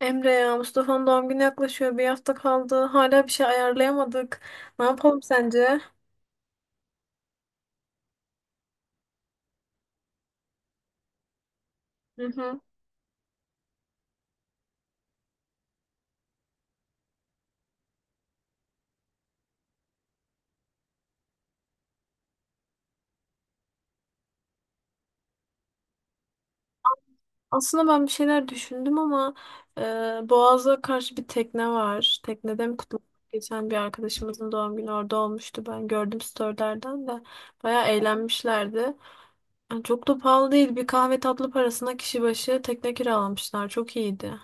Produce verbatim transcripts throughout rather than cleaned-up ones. Emre ya Mustafa'nın doğum günü yaklaşıyor. Bir hafta kaldı. Hala bir şey ayarlayamadık. Ne yapalım sence? Hı hı. Aslında ben bir şeyler düşündüm ama e, Boğaz'a karşı bir tekne var. Teknede mi kutlamak? Geçen bir arkadaşımızın doğum günü orada olmuştu. Ben gördüm storylerden de. Bayağı eğlenmişlerdi. Yani çok da pahalı değil. Bir kahve tatlı parasına kişi başı tekne kiralamışlar. Çok iyiydi.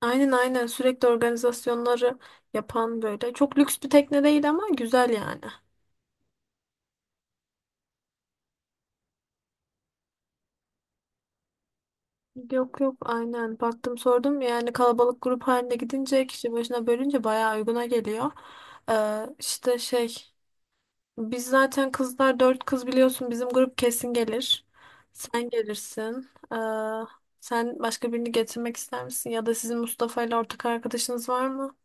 Aynen aynen, sürekli organizasyonları yapan böyle. Çok lüks bir tekne değil ama güzel yani. Yok yok, aynen baktım sordum, yani kalabalık grup halinde gidince kişi başına bölünce bayağı uyguna geliyor. Ee, işte şey, biz zaten kızlar dört kız biliyorsun, bizim grup kesin gelir. Sen gelirsin. Ee, sen başka birini getirmek ister misin, ya da sizin Mustafa ile ortak arkadaşınız var mı?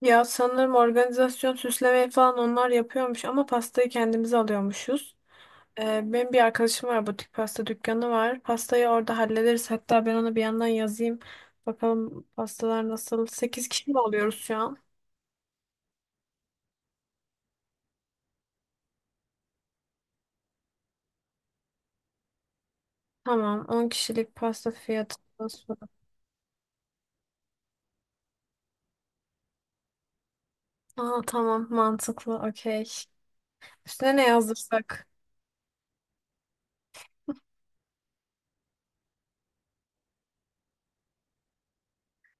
Ya sanırım organizasyon süslemeyi falan onlar yapıyormuş ama pastayı kendimiz alıyormuşuz. Ee, benim bir arkadaşım var, butik pasta dükkanı var. Pastayı orada hallederiz. Hatta ben ona bir yandan yazayım. Bakalım pastalar nasıl? sekiz kişi mi oluyoruz şu an? Tamam. on kişilik pasta fiyatı nasıl? Aa, tamam, mantıklı. Okey. Üstüne ne yazdırsak?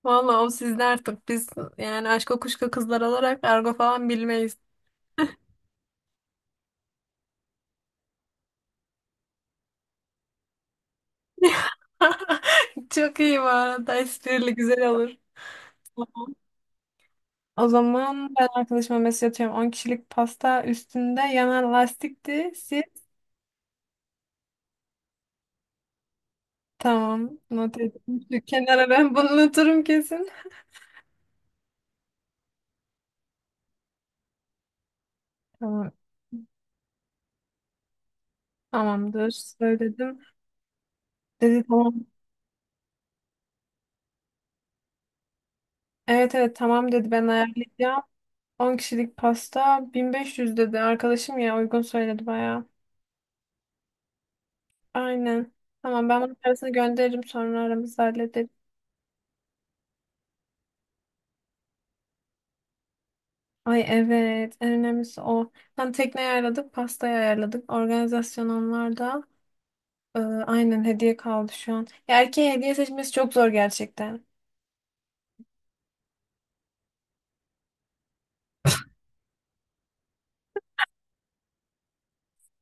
Vallahi o sizde artık. Biz yani aşk kuşka kızlar olarak argo falan bilmeyiz. Çok iyi bu arada. Esprili güzel olur. O zaman ben arkadaşıma mesaj atıyorum. on kişilik pasta, üstünde yana lastikti. Tamam. Not ettim şu kenara ben. Bunu unuturum kesin. Tamam. Tamamdır. Söyledim. Dedi tamam. Evet evet, tamam dedi, ben ayarlayacağım. On kişilik pasta bin beş yüz dedi. Arkadaşım ya, uygun söyledi bayağı. Aynen. Tamam, ben bunun parasını gönderirim, sonra aramızda hallederiz. Ay evet, en önemlisi o. Tam, tekneyi ayarladık, pastayı ayarladık. Organizasyon onlarda. Ee, aynen, hediye kaldı şu an. Ya erkeğe hediye seçmesi çok zor gerçekten.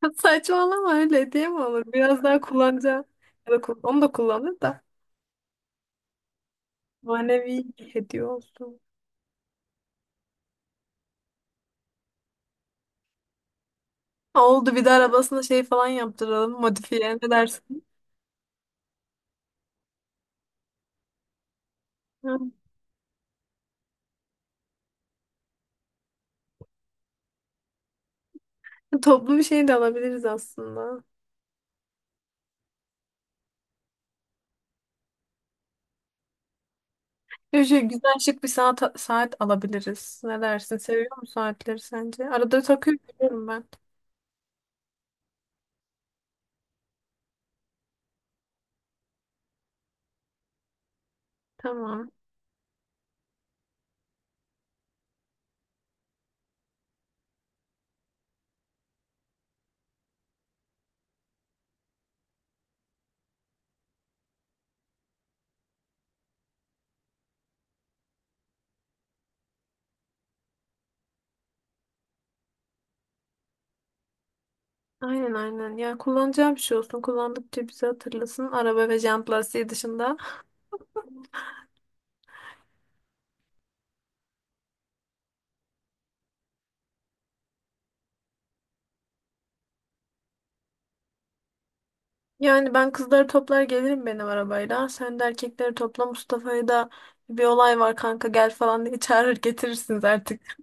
Saçmalama, öyle hediye mi olur? Biraz daha kullanacağım. Ya da kul- onu da kullanır da. Manevi bir hediye olsun. Oldu, bir de arabasına şey falan yaptıralım. Modifiye, ne dersin? Hı. Toplu bir şey de alabiliriz aslında. Ya şey, güzel şık bir saat, saat alabiliriz. Ne dersin? Seviyor musun saatleri sence? Arada takıyorum biliyorum ben. Tamam. Aynen aynen. Ya kullanacağım bir şey olsun. Kullandıkça bizi hatırlasın. Araba ve jant lastiği dışında. Yani ben kızları toplar gelirim benim arabayla. Sen de erkekleri topla, Mustafa'yı da bir olay var kanka gel falan diye çağırır getirirsiniz artık.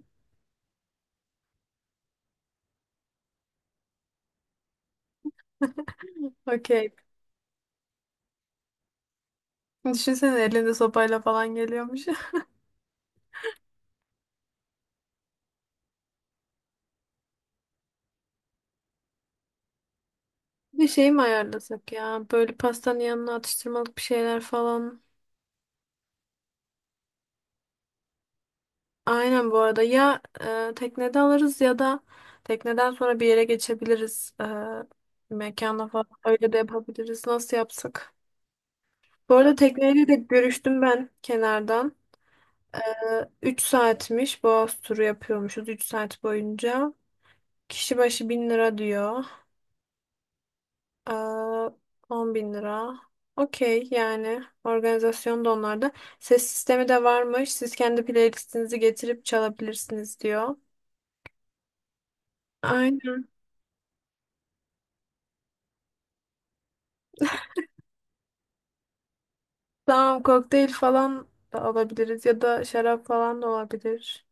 Okey. Düşünsene, elinde sopayla falan geliyormuş. Bir şey mi ayarlasak ya? Böyle pastanın yanına atıştırmalık bir şeyler falan. Aynen, bu arada ya, e, teknede alırız, ya da tekneden sonra bir yere geçebiliriz. E, mekana falan öyle de yapabiliriz. Nasıl yapsak? Bu arada tekneyle de görüştüm ben kenardan. üç saatmiş. Boğaz turu yapıyormuşuz üç saat boyunca. Kişi başı bin lira diyor. Aa, on bin lira. Okey, yani organizasyon da onlarda. Ses sistemi de varmış. Siz kendi playlistinizi getirip çalabilirsiniz diyor. Aynen. Tamam, kokteyl falan da alabiliriz, ya da şarap falan da olabilir.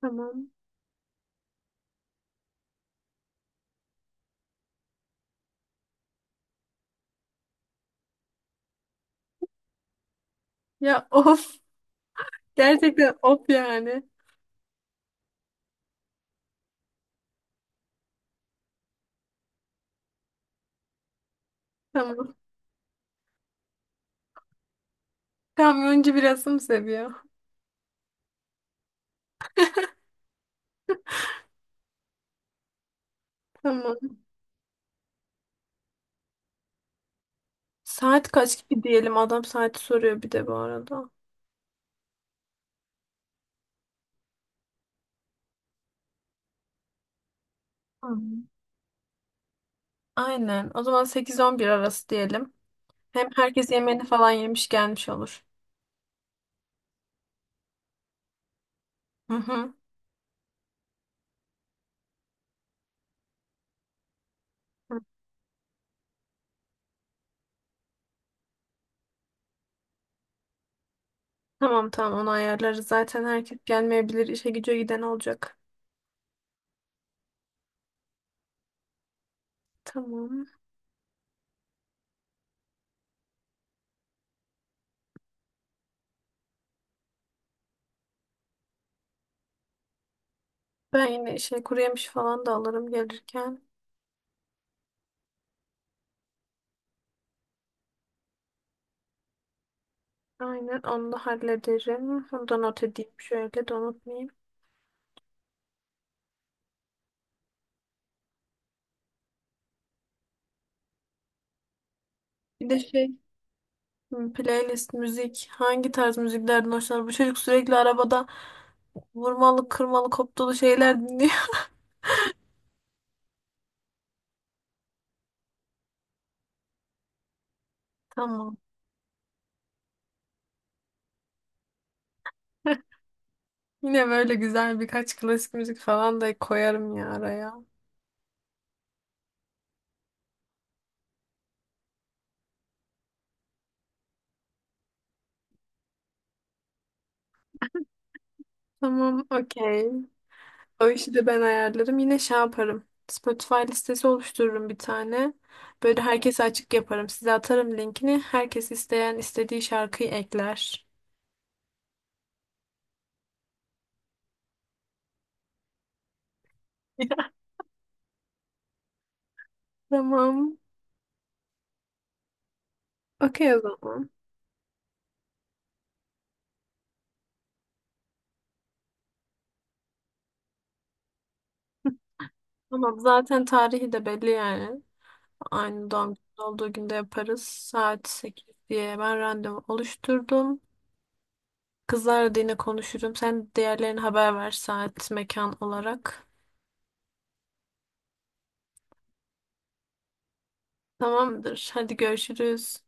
Tamam. Ya of. Gerçekten of yani. Tamam. Kamyoncu birası mı seviyor? Tamam. Saat kaç gibi diyelim? Adam saati soruyor bir de bu arada. Hı. Aynen. O zaman sekiz on bir arası diyelim. Hem herkes yemeğini falan yemiş gelmiş olur. Hı hı. Hı. Tamam tamam, onu ayarlarız. Zaten herkes gelmeyebilir. İşe güce giden olacak. Tamam. Ben yine şey, kuru yemiş falan da alırım gelirken. Aynen, onu da hallederim. Onu da not edeyim şöyle, de unutmayayım. Bir de şey. Hmm, playlist, müzik. Hangi tarz müziklerden hoşlanır? Bu çocuk sürekli arabada vurmalı, kırmalı, koptalı şeyler dinliyor. Tamam. Yine böyle güzel birkaç klasik müzik falan da koyarım ya araya. Tamam, okey. O işi de ben ayarlarım. Yine şey yaparım. Spotify listesi oluştururum bir tane. Böyle herkese açık yaparım. Size atarım linkini. Herkes isteyen istediği şarkıyı ekler. Tamam. Okey o zaman. Tamam, zaten tarihi de belli yani. Aynı doğum günü olduğu günde yaparız. Saat sekiz diye ben randevu oluşturdum. Kızlarla da yine konuşurum. Sen diğerlerine haber ver, saat, mekan olarak. Tamamdır. Hadi görüşürüz.